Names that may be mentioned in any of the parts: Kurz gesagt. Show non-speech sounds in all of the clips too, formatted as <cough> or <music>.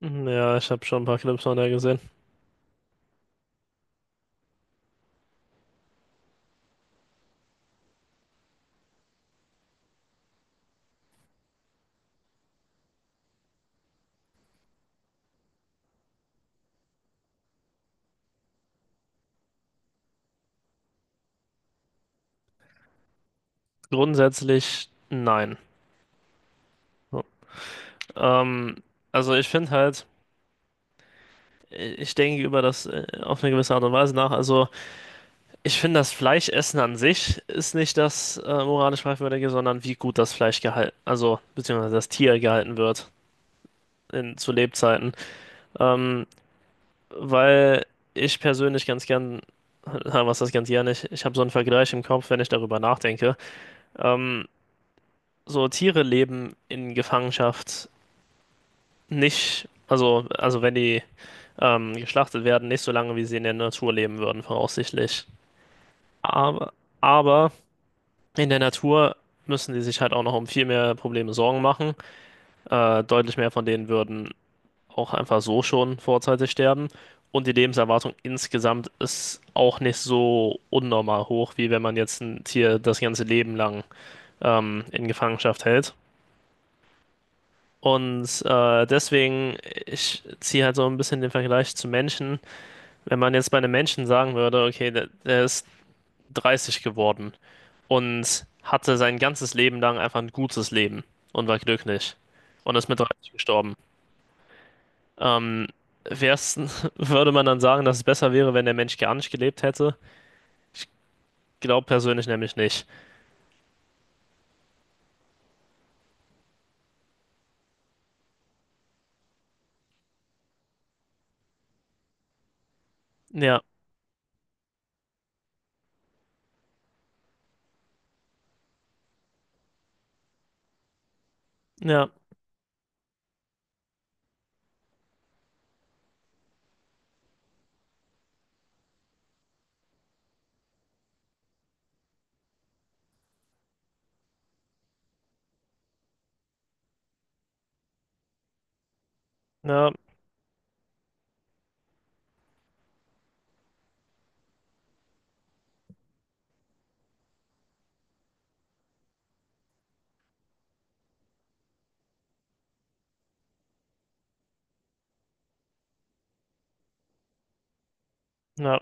Ja, ich habe schon ein paar Clips von der gesehen. Grundsätzlich nein. So. Ähm, also ich finde halt, ich denke über das auf eine gewisse Art und Weise nach. Also ich finde, das Fleischessen an sich ist nicht das moralisch fragwürdige, sondern wie gut das Fleisch gehalten, also beziehungsweise das Tier gehalten wird in, zu Lebzeiten. Ähm, weil ich persönlich ganz gern, na, was das ganz gern nicht, ich habe so einen Vergleich im Kopf, wenn ich darüber nachdenke. Ähm, so Tiere leben in Gefangenschaft nicht, also wenn die geschlachtet werden, nicht so lange, wie sie in der Natur leben würden, voraussichtlich. Aber, aber in der Natur müssen die sich halt auch noch um viel mehr Probleme Sorgen machen. Deutlich mehr von denen würden auch einfach so schon vorzeitig sterben. Und die Lebenserwartung insgesamt ist auch nicht so unnormal hoch, wie wenn man jetzt ein Tier das ganze Leben lang in Gefangenschaft hält. Und deswegen, ich ziehe halt so ein bisschen den Vergleich zu Menschen. Wenn man jetzt bei einem Menschen sagen würde, okay, der ist 30 geworden und hatte sein ganzes Leben lang einfach ein gutes Leben und war glücklich und ist mit 30 gestorben, ähm, wär's, <laughs> würde man dann sagen, dass es besser wäre, wenn der Mensch gar nicht gelebt hätte? Ich glaube persönlich nämlich nicht. Ja, ja, ja, ja.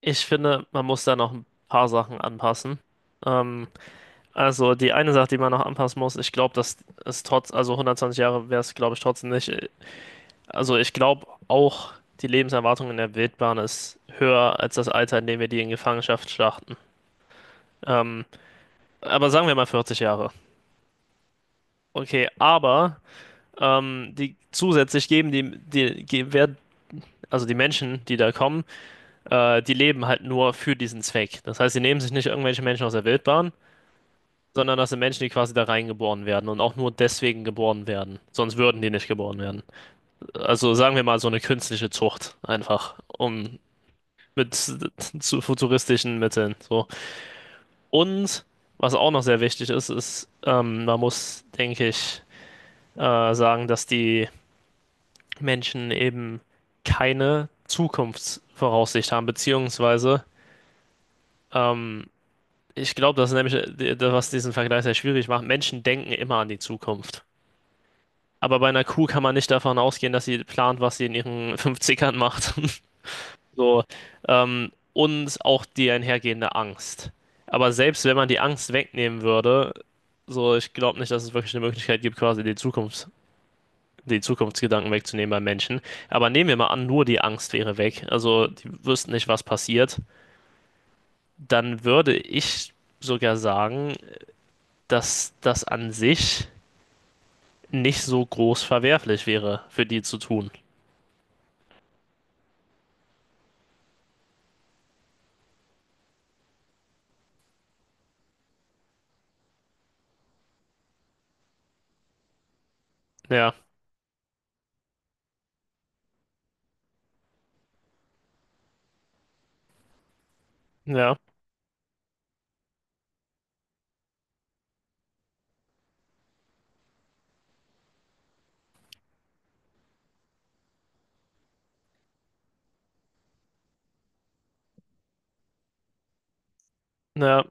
Ich finde, man muss da noch ein paar Sachen anpassen. Ähm, also die eine Sache, die man noch anpassen muss, ich glaube, dass es trotz, also 120 Jahre wäre es, glaube ich, trotzdem nicht. Also ich glaube auch, die Lebenserwartung in der Wildbahn ist höher als das Alter, in dem wir die in Gefangenschaft schlachten. Ähm, aber sagen wir mal 40 Jahre. Okay, aber die zusätzlich geben die, die ge- werden, also die Menschen, die da kommen, die leben halt nur für diesen Zweck. Das heißt, sie nehmen sich nicht irgendwelche Menschen aus der Wildbahn, sondern das sind Menschen, die quasi da reingeboren werden und auch nur deswegen geboren werden. Sonst würden die nicht geboren werden. Also sagen wir mal so eine künstliche Zucht einfach, um mit zu futuristischen Mitteln. So. Und was auch noch sehr wichtig ist, ist, man muss, denke ich, äh, sagen, dass die Menschen eben keine Zukunftsvoraussicht haben, beziehungsweise ähm, ich glaube, das ist nämlich, das, was diesen Vergleich sehr schwierig macht. Menschen denken immer an die Zukunft. Aber bei einer Kuh kann man nicht davon ausgehen, dass sie plant, was sie in ihren 50ern macht. <laughs> So, und auch die einhergehende Angst. Aber selbst wenn man die Angst wegnehmen würde, so, ich glaube nicht, dass es wirklich eine Möglichkeit gibt, quasi die Zukunft, die Zukunftsgedanken wegzunehmen beim Menschen. Aber nehmen wir mal an, nur die Angst wäre weg, also die wüssten nicht, was passiert, dann würde ich sogar sagen, dass das an sich nicht so groß verwerflich wäre, für die zu tun. Ja, ja, ja,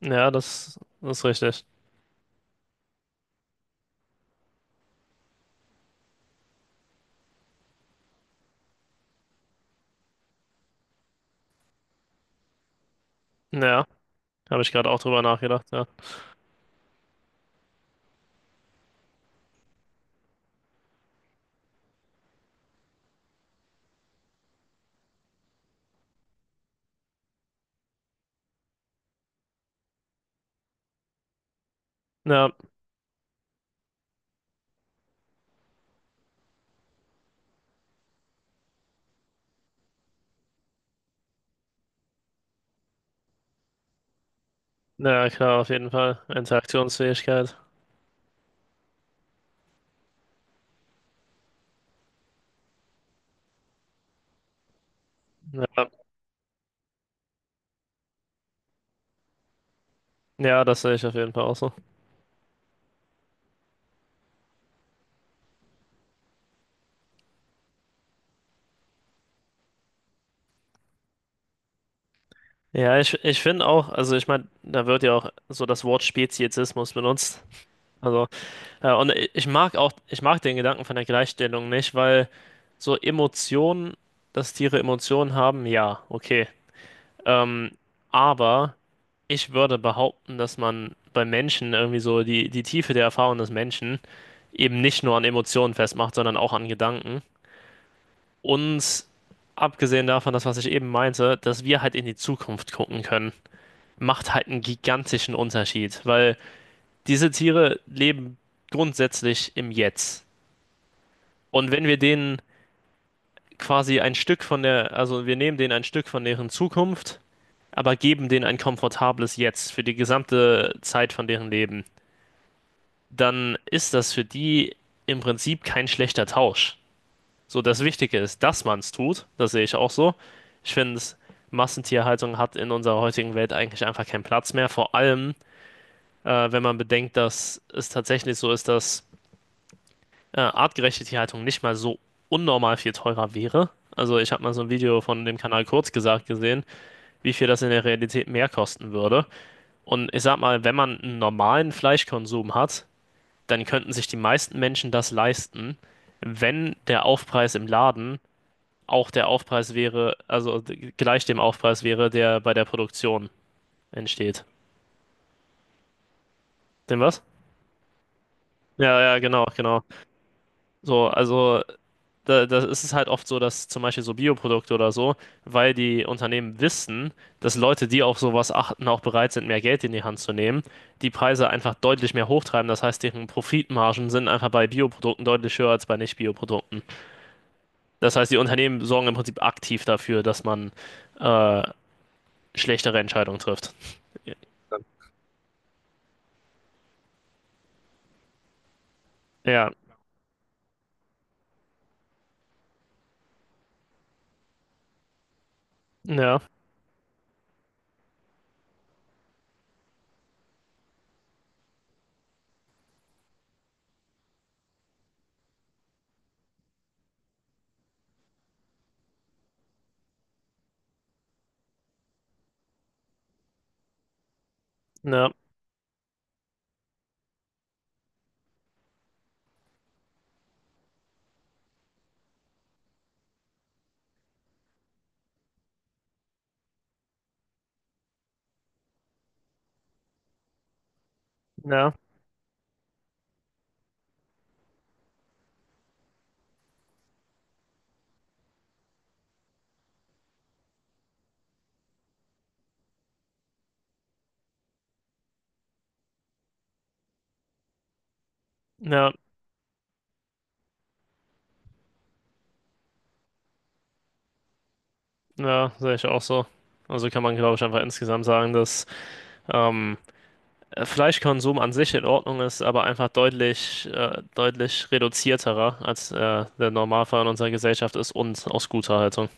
ja, das, das ist richtig. Ja, habe ich gerade auch drüber nachgedacht, ja. Ja, ja, klar, auf jeden Fall. Interaktionsfähigkeit. Ja, ja, das sehe ich auf jeden Fall auch so. Ja, ich finde auch, also ich meine, da wird ja auch so das Wort Speziesismus benutzt. Also, ja, und ich mag auch, ich mag den Gedanken von der Gleichstellung nicht, weil so Emotionen, dass Tiere Emotionen haben, ja, okay. Ähm, aber ich würde behaupten, dass man bei Menschen irgendwie so die, die Tiefe der Erfahrung des Menschen eben nicht nur an Emotionen festmacht, sondern auch an Gedanken. Und abgesehen davon, das, was ich eben meinte, dass wir halt in die Zukunft gucken können, macht halt einen gigantischen Unterschied, weil diese Tiere leben grundsätzlich im Jetzt. Und wenn wir denen quasi ein Stück von der, also wir nehmen denen ein Stück von deren Zukunft, aber geben denen ein komfortables Jetzt für die gesamte Zeit von deren Leben, dann ist das für die im Prinzip kein schlechter Tausch. So, das Wichtige ist, dass man es tut. Das sehe ich auch so. Ich finde, Massentierhaltung hat in unserer heutigen Welt eigentlich einfach keinen Platz mehr. Vor allem, wenn man bedenkt, dass es tatsächlich so ist, dass artgerechte Tierhaltung nicht mal so unnormal viel teurer wäre. Also, ich habe mal so ein Video von dem Kanal Kurz gesagt gesehen, wie viel das in der Realität mehr kosten würde. Und ich sag mal, wenn man einen normalen Fleischkonsum hat, dann könnten sich die meisten Menschen das leisten, wenn der Aufpreis im Laden auch der Aufpreis wäre, also gleich dem Aufpreis wäre, der bei der Produktion entsteht. Dem was? Ja, ja, genau, genau. So, also da, da ist es halt oft so, dass zum Beispiel so Bioprodukte oder so, weil die Unternehmen wissen, dass Leute, die auf sowas achten, auch bereit sind, mehr Geld in die Hand zu nehmen, die Preise einfach deutlich mehr hochtreiben. Das heißt, deren Profitmargen sind einfach bei Bioprodukten deutlich höher als bei Nicht-Bioprodukten. Das heißt, die Unternehmen sorgen im Prinzip aktiv dafür, dass man äh, schlechtere Entscheidungen trifft. Ja, ja, ja, ja, ja, ja, sehe ich auch so. Also kann man, glaube ich, einfach insgesamt sagen, dass ähm, Fleischkonsum an sich in Ordnung ist, aber einfach deutlich, deutlich reduzierterer als der Normalfall in unserer Gesellschaft ist und aus guter Haltung.